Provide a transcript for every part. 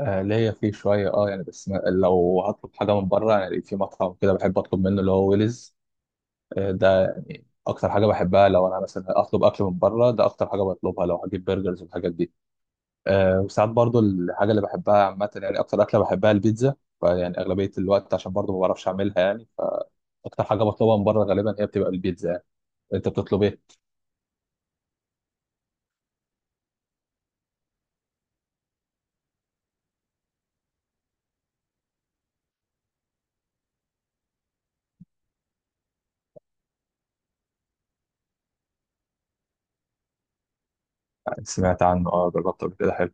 ليا فيه شوية يعني بس ما لو هطلب حاجة من بره يعني في مطعم كده بحب اطلب منه اللي هو ويلز. ده اكتر حاجة بحبها لو انا مثلا اطلب اكل من بره، ده اكتر حاجة بطلبها لو هجيب برجرز والحاجات دي. وساعات برضو الحاجة اللي بحبها عامة يعني اكتر اكلة بحبها البيتزا. يعني اغلبية الوقت عشان برضو ما بعرفش اعملها يعني. اكتر حاجة بطلبها من بره غالبا هي بتبقى البيتزا يعني. انت بتطلب ايه؟ سمعت عنه، اه، جربته قبل كده حلو.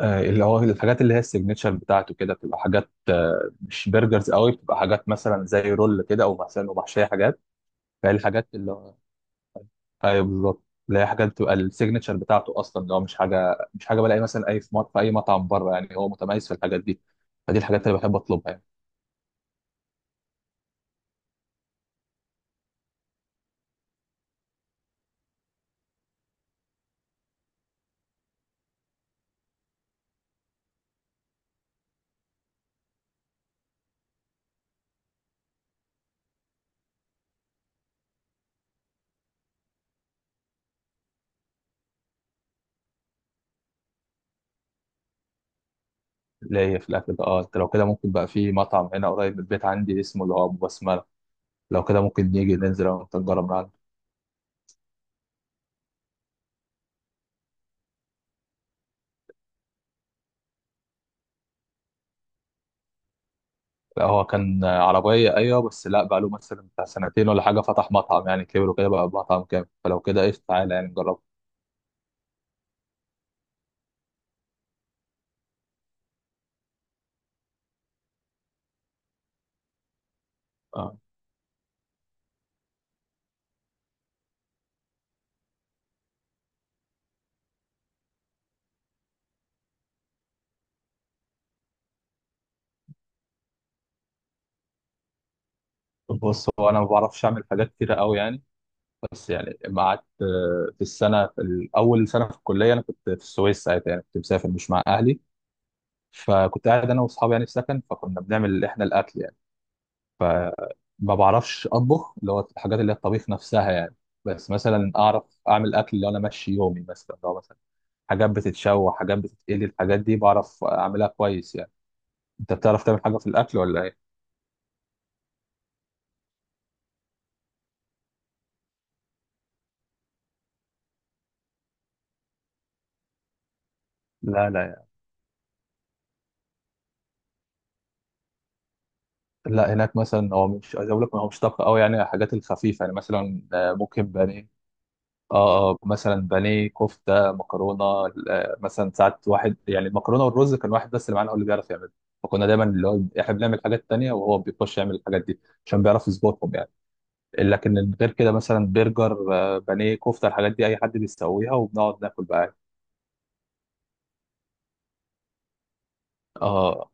اللي هو الحاجات اللي هي السيجنتشر بتاعته كده بتبقى حاجات، مش برجرز قوي، بتبقى حاجات مثلا زي رول كده او مثلا ومحشيه حاجات. فهي الحاجات اللي هو ايوه بالظبط اللي هي حاجات بتبقى السيجنتشر بتاعته اصلا، اللي هو مش حاجه بلاقي مثلا اي في اي مطعم بره يعني، هو متميز في الحاجات دي. فدي الحاجات اللي بحب اطلبها يعني. اللي هي في الاكل ده، اه، انت لو كده ممكن بقى في مطعم هنا قريب من البيت عندي اسمه اللي هو ابو بسمله. لو كده ممكن نيجي ننزل أنا وأنت نجرب. لا هو كان عربية، أيوة، بس لا بقى له مثلا بتاع سنتين ولا حاجة، فتح مطعم يعني كبر وكده بقى مطعم كامل، فلو كده إيش تعالى يعني نجرب. آه. بص هو أنا ما بعرفش أعمل حاجات كتيرة أوي يعني. بس يعني لما قعدت في السنة أول سنة في الكلية، أنا كنت في السويس ساعتها يعني، كنت مسافر مش مع أهلي. فكنت قاعد أنا وأصحابي يعني في سكن، فكنا بنعمل إحنا الأكل يعني. فما بعرفش أطبخ اللي هو الحاجات اللي هي الطبيخ نفسها يعني. بس مثلا أعرف أعمل أكل لو أنا ماشي يومي، مثلا لو مثلا حاجات بتتشوى، حاجات بتتقلي، الحاجات دي بعرف اعملها كويس يعني. انت بتعرف تعمل حاجه في الاكل ولا ايه؟ لا. لا هناك مثلا هو مش عايز اقول لك هو مش طبخ قوي يعني، الحاجات الخفيفه يعني مثلا، ممكن بانيه. اه مثلا بانيه، كفته، مكرونه. مثلا ساعات واحد يعني المكرونه والرز كان واحد بس اللي معانا هو اللي بيعرف يعمل. فكنا دايما اللي هو احنا بنعمل حاجات تانية وهو بيخش يعمل الحاجات دي عشان بيعرف يظبطهم يعني. لكن غير كده مثلا برجر، بانيه، كفته، الحاجات دي اي حد بيسويها وبنقعد ناكل بقى. اه.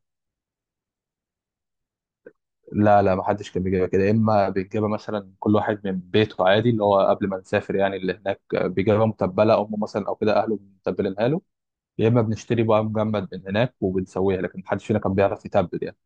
لا، ما حدش كان بيجيبها كده. يا اما بيجيبها مثلا كل واحد من بيته عادي، اللي هو قبل ما نسافر يعني، اللي هناك بيجيبها متبله امه مثلا او كده اهله متبلينها له. يا اما بنشتري بقى مجمد من هناك وبنسويها، لكن محدش فينا كان بيعرف يتبل يعني.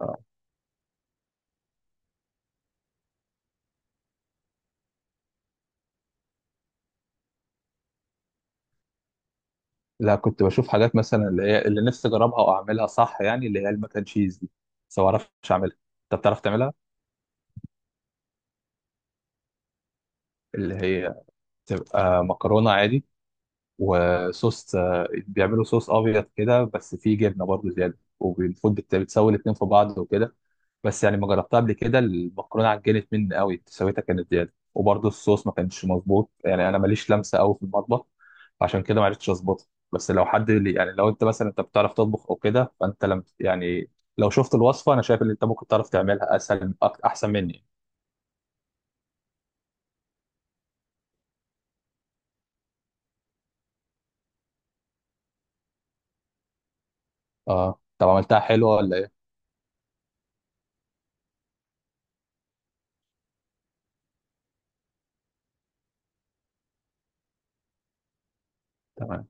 آه. لا كنت بشوف حاجات مثلا اللي هي اللي نفسي اجربها واعملها صح يعني اللي هي المكن تشيز دي، بس ما اعرفش اعملها. انت بتعرف تعملها؟ اللي هي تبقى مكرونه عادي وصوص، بيعملوا صوص ابيض كده بس فيه جبنه برضه زياده، وبالمفروض بتسوي الاتنين في بعض وكده. بس يعني ما جربتها قبل كده، المكرونه عجنت مني قوي سويتها كانت زياده، وبرضه الصوص ما كانش مظبوط يعني، انا ماليش لمسه قوي في المطبخ. عشان كده ما عرفتش اظبطها. بس لو حد اللي يعني لو انت مثلا انت بتعرف تطبخ او كده فانت لم يعني، لو شفت الوصفه انا شايف ان انت ممكن تعرف تعملها اسهل احسن مني. اه طب عملتها حلوه ولا ايه؟ تمام.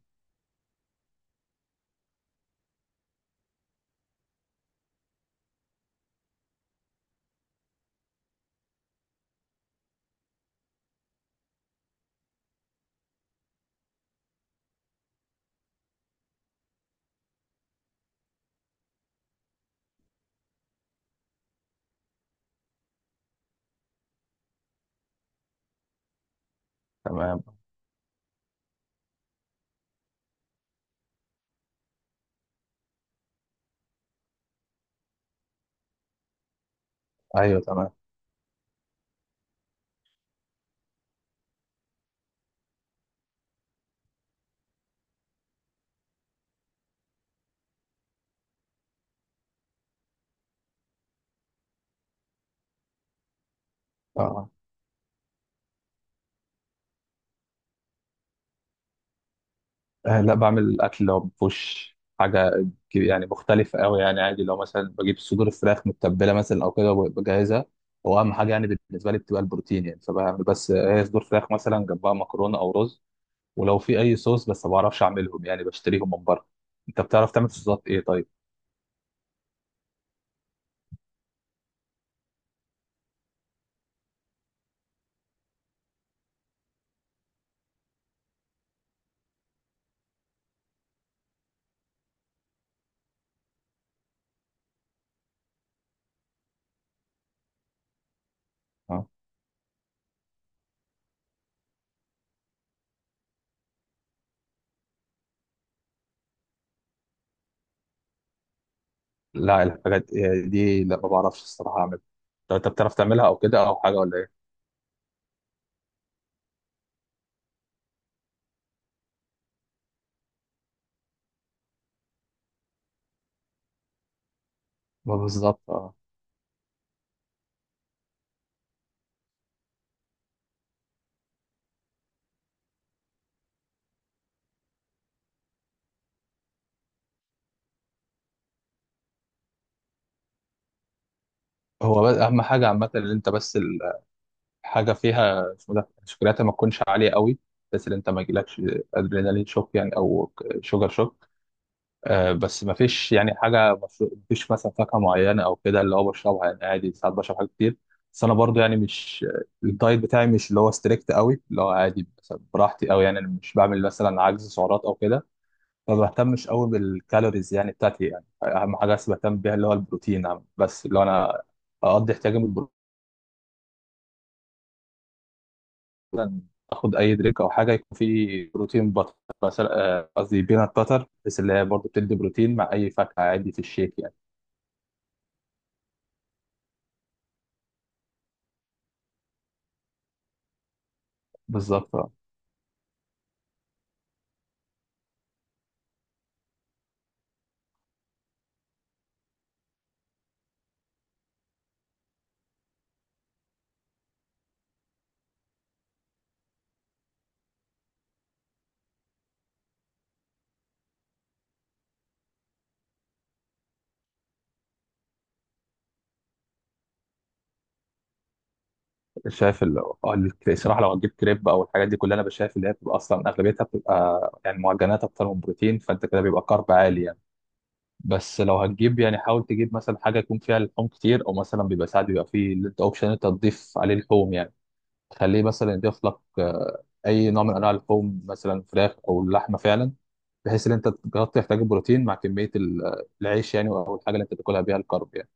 تمام. ايوه تمام. اه. لا بعمل الاكل اللي هو مفهوش حاجه يعني مختلفه قوي يعني، عادي لو مثلا بجيب صدور الفراخ متبله مثلا او كده وبجهزها. هو اهم حاجه يعني بالنسبه لي بتبقى البروتين يعني، فبعمل بس هي صدور فراخ مثلا جنبها مكرونه او رز. ولو في اي صوص، بس ما بعرفش اعملهم يعني بشتريهم من بره. انت بتعرف تعمل صوصات ايه طيب؟ اه. لا الحاجات دي لا ما بعرفش الصراحه اعملها. لو انت بتعرف تعملها او كده او حاجه ولا ايه؟ ما بالظبط، اه. هو بس اهم حاجه عامه ان انت بس حاجه فيها اسمه ده الشوكولاته ما تكونش عاليه قوي، بس اللي انت ما يجيلكش ادرينالين شوك يعني، او شوجر شوك. آه. بس ما فيش يعني حاجه مشروب ما فيش مثلا فاكهه معينه او كده اللي هو بشربها يعني، عادي ساعات بشرب حاجات كتير. بس انا برضو يعني مش الدايت بتاعي مش اللي هو ستريكت قوي، اللي هو عادي مثلا براحتي قوي يعني، أنا مش بعمل مثلا عجز سعرات او كده. ما بهتمش قوي بالكالوريز يعني بتاعتي يعني، اهم حاجه بس بهتم بيها اللي هو البروتين، بس اللي هو انا اقضي احتياجي من البروتين. مثلا اخد اي دريك او حاجه يكون فيه بروتين بطر، مثلا قصدي بينات باتر، بس اللي هي برضه بتدي بروتين مع اي فاكهه عادي في الشيك يعني. بالظبط. آه. شايف ال- آه، ال- الصراحه لو هتجيب كريب او الحاجات دي كلها، انا بشايف اللي هي بتبقى اصلا اغلبيتها بتبقى يعني معجنات اكتر من بروتين، فانت كده بيبقى كارب عالي يعني. بس لو هتجيب يعني حاول تجيب مثلا حاجه يكون فيها لحوم كتير، او مثلا بيبقى ساعات بيبقى فيه اللي انت اوبشن انت تضيف عليه لحوم يعني، تخليه مثلا يضيف لك اي نوع من انواع اللحوم مثلا فراخ او لحمه فعلا، بحيث ان انت تغطي احتياج البروتين مع كميه العيش يعني او الحاجه اللي انت تاكلها بيها الكارب يعني.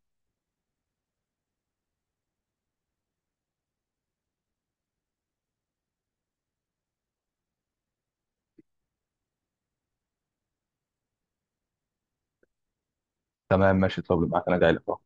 تمام ماشي. طب معاك، انا جاي لك أهو.